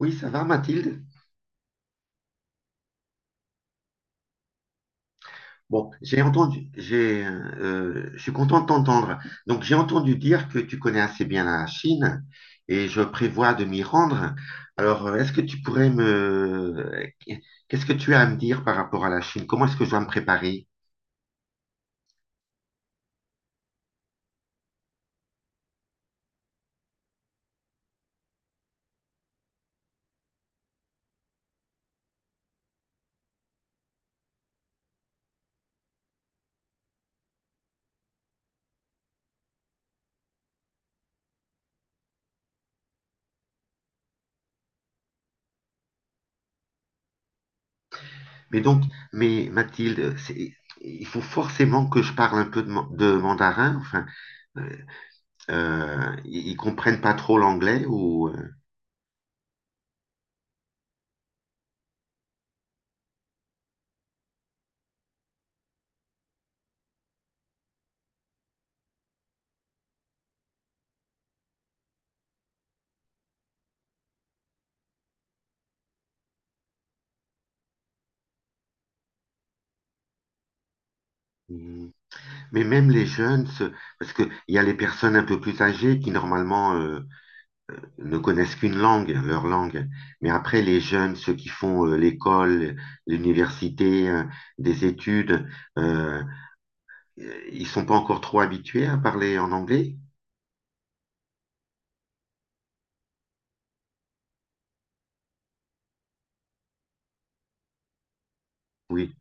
Oui, ça va, Mathilde? Bon, j'ai entendu, je suis content de t'entendre. Donc, j'ai entendu dire que tu connais assez bien la Chine et je prévois de m'y rendre. Alors, est-ce que tu pourrais me... Qu'est-ce que tu as à me dire par rapport à la Chine? Comment est-ce que je dois me préparer? Mais donc, mais Mathilde, c'est- il faut forcément que je parle un peu de, de mandarin. Enfin, ils comprennent pas trop l'anglais ou... euh, Mais même les jeunes, se- parce qu'il y a les personnes un peu plus âgées qui normalement ne connaissent qu'une langue, leur langue. Mais après, les jeunes, ceux qui font l'école, l'université, des études, euh, ils sont pas encore trop habitués à parler en anglais? Oui.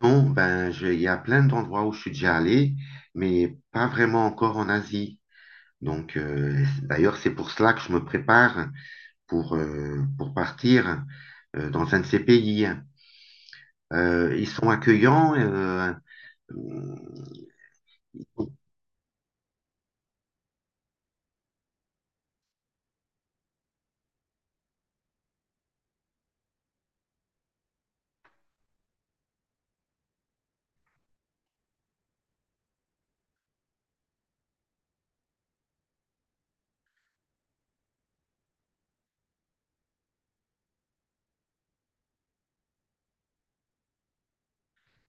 Bon, ben, il y a plein d'endroits où je suis déjà allé, mais pas vraiment encore en Asie. Donc, d'ailleurs, c'est pour cela que je me prépare pour partir dans un de ces pays. Ils sont accueillants. Euh,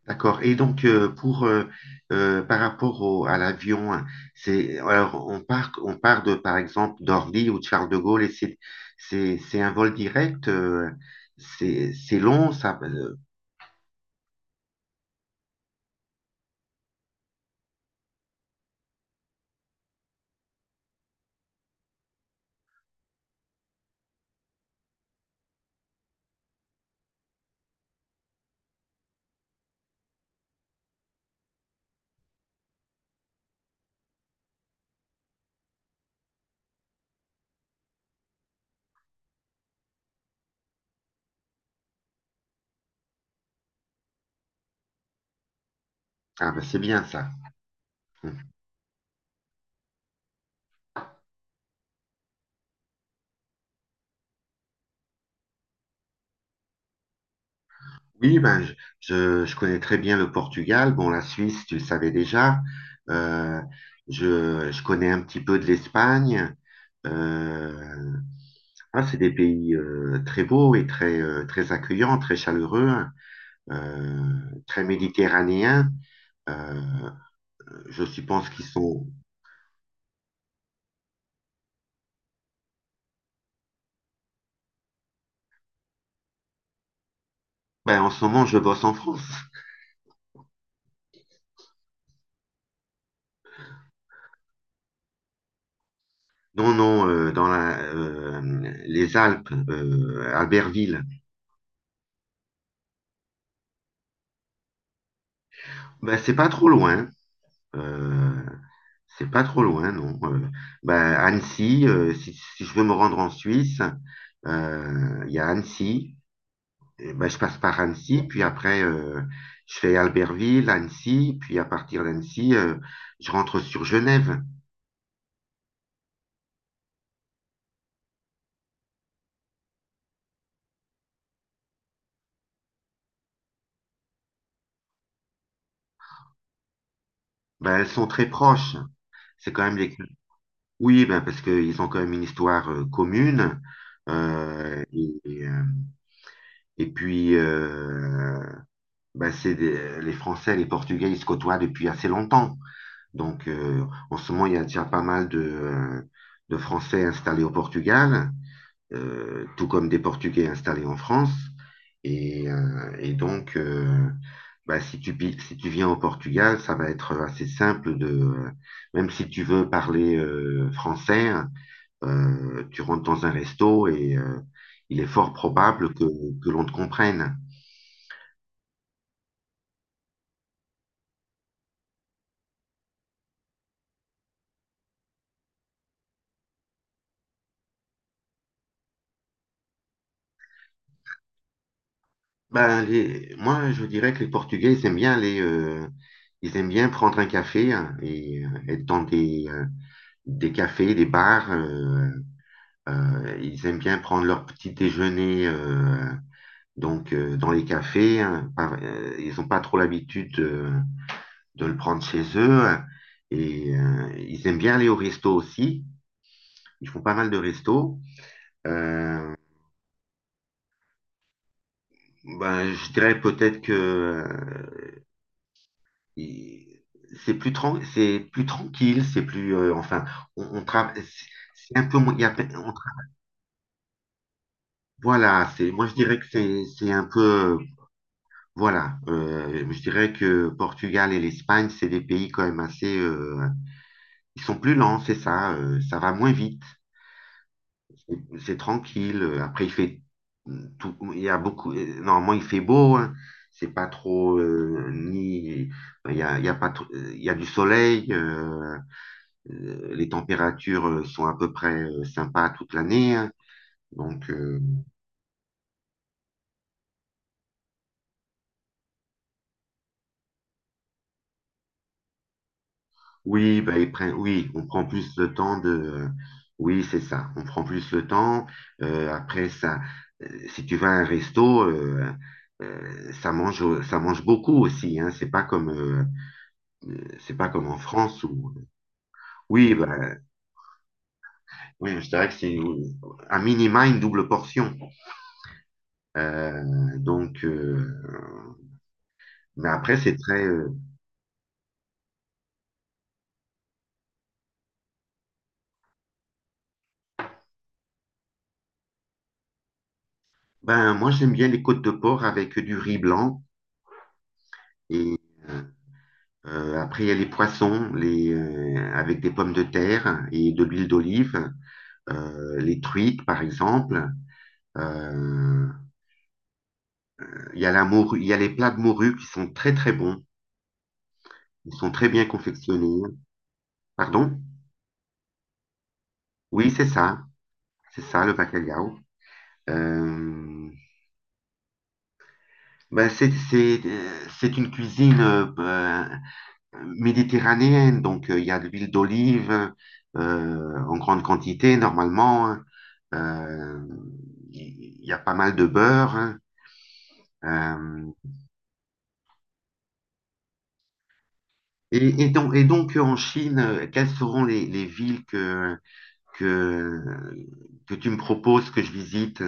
d'accord. Et donc, pour, par rapport à l'avion, hein, c'est, alors, on part de, par exemple, d'Orly ou de Charles de Gaulle et c'est un vol direct. C'est long, ça. Ah, ben, c'est bien ça. Oui, ben, je connais très bien le Portugal. Bon, la Suisse, tu le savais déjà. Euh, je connais un petit peu de l'Espagne. Euh, Ah, c'est des pays très beaux et très, très accueillants, très chaleureux, hein, euh, très méditerranéens. Euh, je suppose qu'ils sont... Ben, en ce moment, je bosse en France. Non, non, dans la, les Alpes, Albertville. Ben, c'est pas trop loin, hein. Euh, c'est pas trop loin, non. Ben, Annecy, si je veux me rendre en Suisse, il y a Annecy. Eh ben, je passe par Annecy, puis après, je fais Albertville, Annecy, puis à partir d'Annecy, je rentre sur Genève. Ben, elles sont très proches. C'est quand même les... Oui, ben, parce qu'ils ont quand même une histoire commune. Euh, et, et, euh, et puis, ben, c'est des- les Français les Portugais, ils se côtoient depuis assez longtemps. Donc, en ce moment, il y a déjà pas mal de Français installés au Portugal, tout comme des Portugais installés en France. Et, euh, et donc, euh, Bah, si tu viens au Portugal, ça va être assez simple de, même si tu veux parler français, tu rentres dans un resto et il est fort probable que l'on te comprenne. Ben, les- moi, je dirais que les Portugais, ils aiment bien aller, ils aiment bien prendre un café, hein, et être dans des cafés, des bars. Ils aiment bien prendre leur petit déjeuner, donc dans les cafés, hein. Ils n'ont pas trop l'habitude de le prendre chez eux, hein. Et ils aiment bien aller au resto aussi. Ils font pas mal de restos. Euh, ben, je dirais peut-être que il- c'est tran- c'est plus tranquille, c'est plus enfin on tra- c'est un peu moins- il y a pe- on tra- voilà, c'est moi je dirais que c'est un peu... Voilà, je dirais que Portugal et l'Espagne, c'est des pays quand même assez... ils sont plus lents, c'est ça, ça va moins vite, c'est tranquille. Après, il fait tout, il y a beaucoup... Normalement, il fait beau, hein, c'est pas trop... ni, il y a pas trop- il y a du soleil, les températures sont à peu près sympas toute l'année, hein. donc... euh, Oui, bah, ils prennent. Oui, on prend plus le temps de... Oui, c'est ça. On prend plus le temps. Après, ça, si tu vas à un resto, ça mange beaucoup aussi, hein. C'est pas comme en France où... Oui, bah, oui, je dirais que c'est un minima une double portion. Euh, donc, euh, mais après, c'est très... Ben, moi, j'aime bien les côtes de porc avec du riz blanc et, euh, après, il y a les poissons, les, avec des pommes de terre et de l'huile d'olive, les truites par exemple. Euh, il y a la morue, il y a les plats de morue qui sont très très bons, ils sont très bien confectionnés. Pardon? Oui, c'est ça le bacalhau. Euh, ben, c'est une cuisine méditerranéenne, donc il y a de l'huile d'olive en grande quantité normalement, hein. Euh, il y a pas mal de beurre, hein. Euh, et donc en Chine, quelles seront les villes que, que tu me proposes que je visite?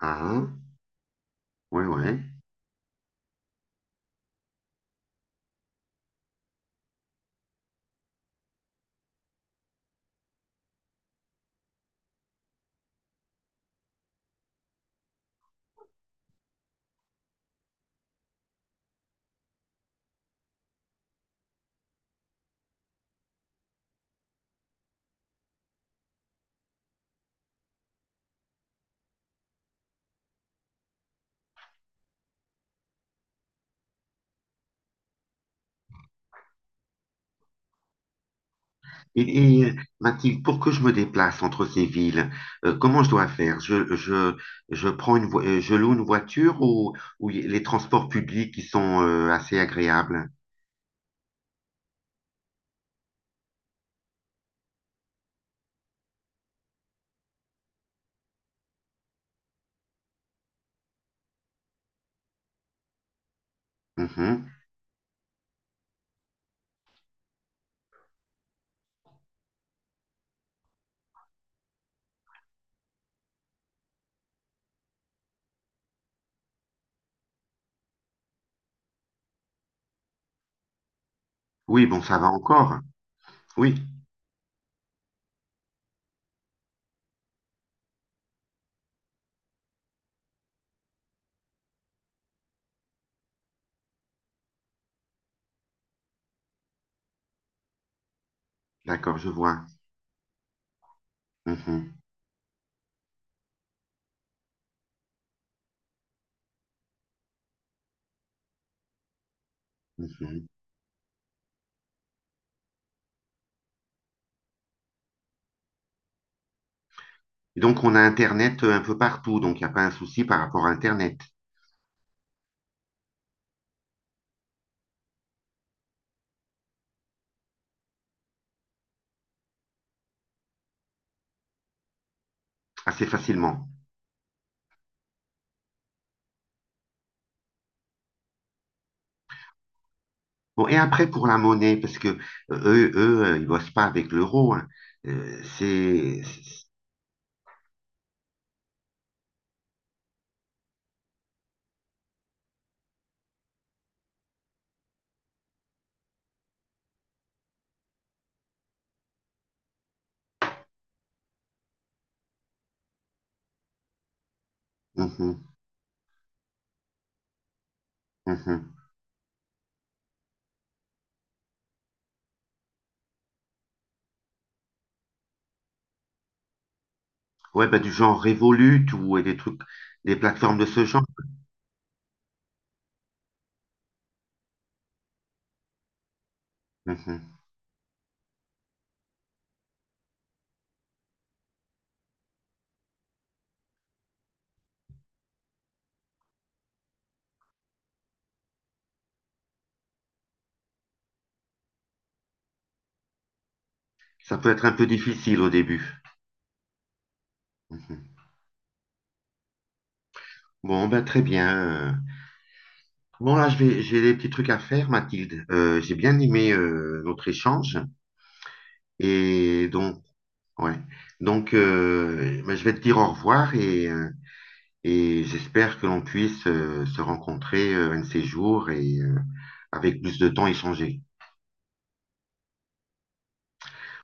Ah, oui, oui. Et, et, euh, Mathilde, pour que je me déplace entre ces villes, comment je dois faire? Je prends une je loue une voiture ou y- les transports publics qui sont assez agréables? Mhm. Oui, bon, ça va encore. Oui, d'accord, je vois. Mhm, mhm. Et donc, on a Internet un peu partout, donc il n'y a pas un souci par rapport à Internet, assez facilement. Bon, et après, pour la monnaie, parce que eux, ils bossent pas avec l'euro, hein. C'est... c'est- mhm, mhm. Ouais, bah, du genre Revolut ou et des trucs, des plateformes de ce genre. Mhm. Ça peut être un peu difficile au début. Mhm. Bon, ben très bien. Bon, là, je vais, j'ai des petits trucs à faire, Mathilde. J'ai bien aimé notre échange. Et donc, ouais. Donc, bah, je vais te dire au revoir et j'espère que l'on puisse se rencontrer un de ces jours et avec plus de temps échanger.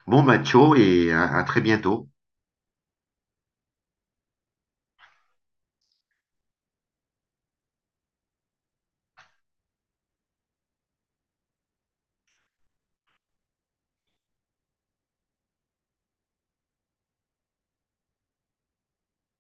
Bon, bah, ciao et à très bientôt.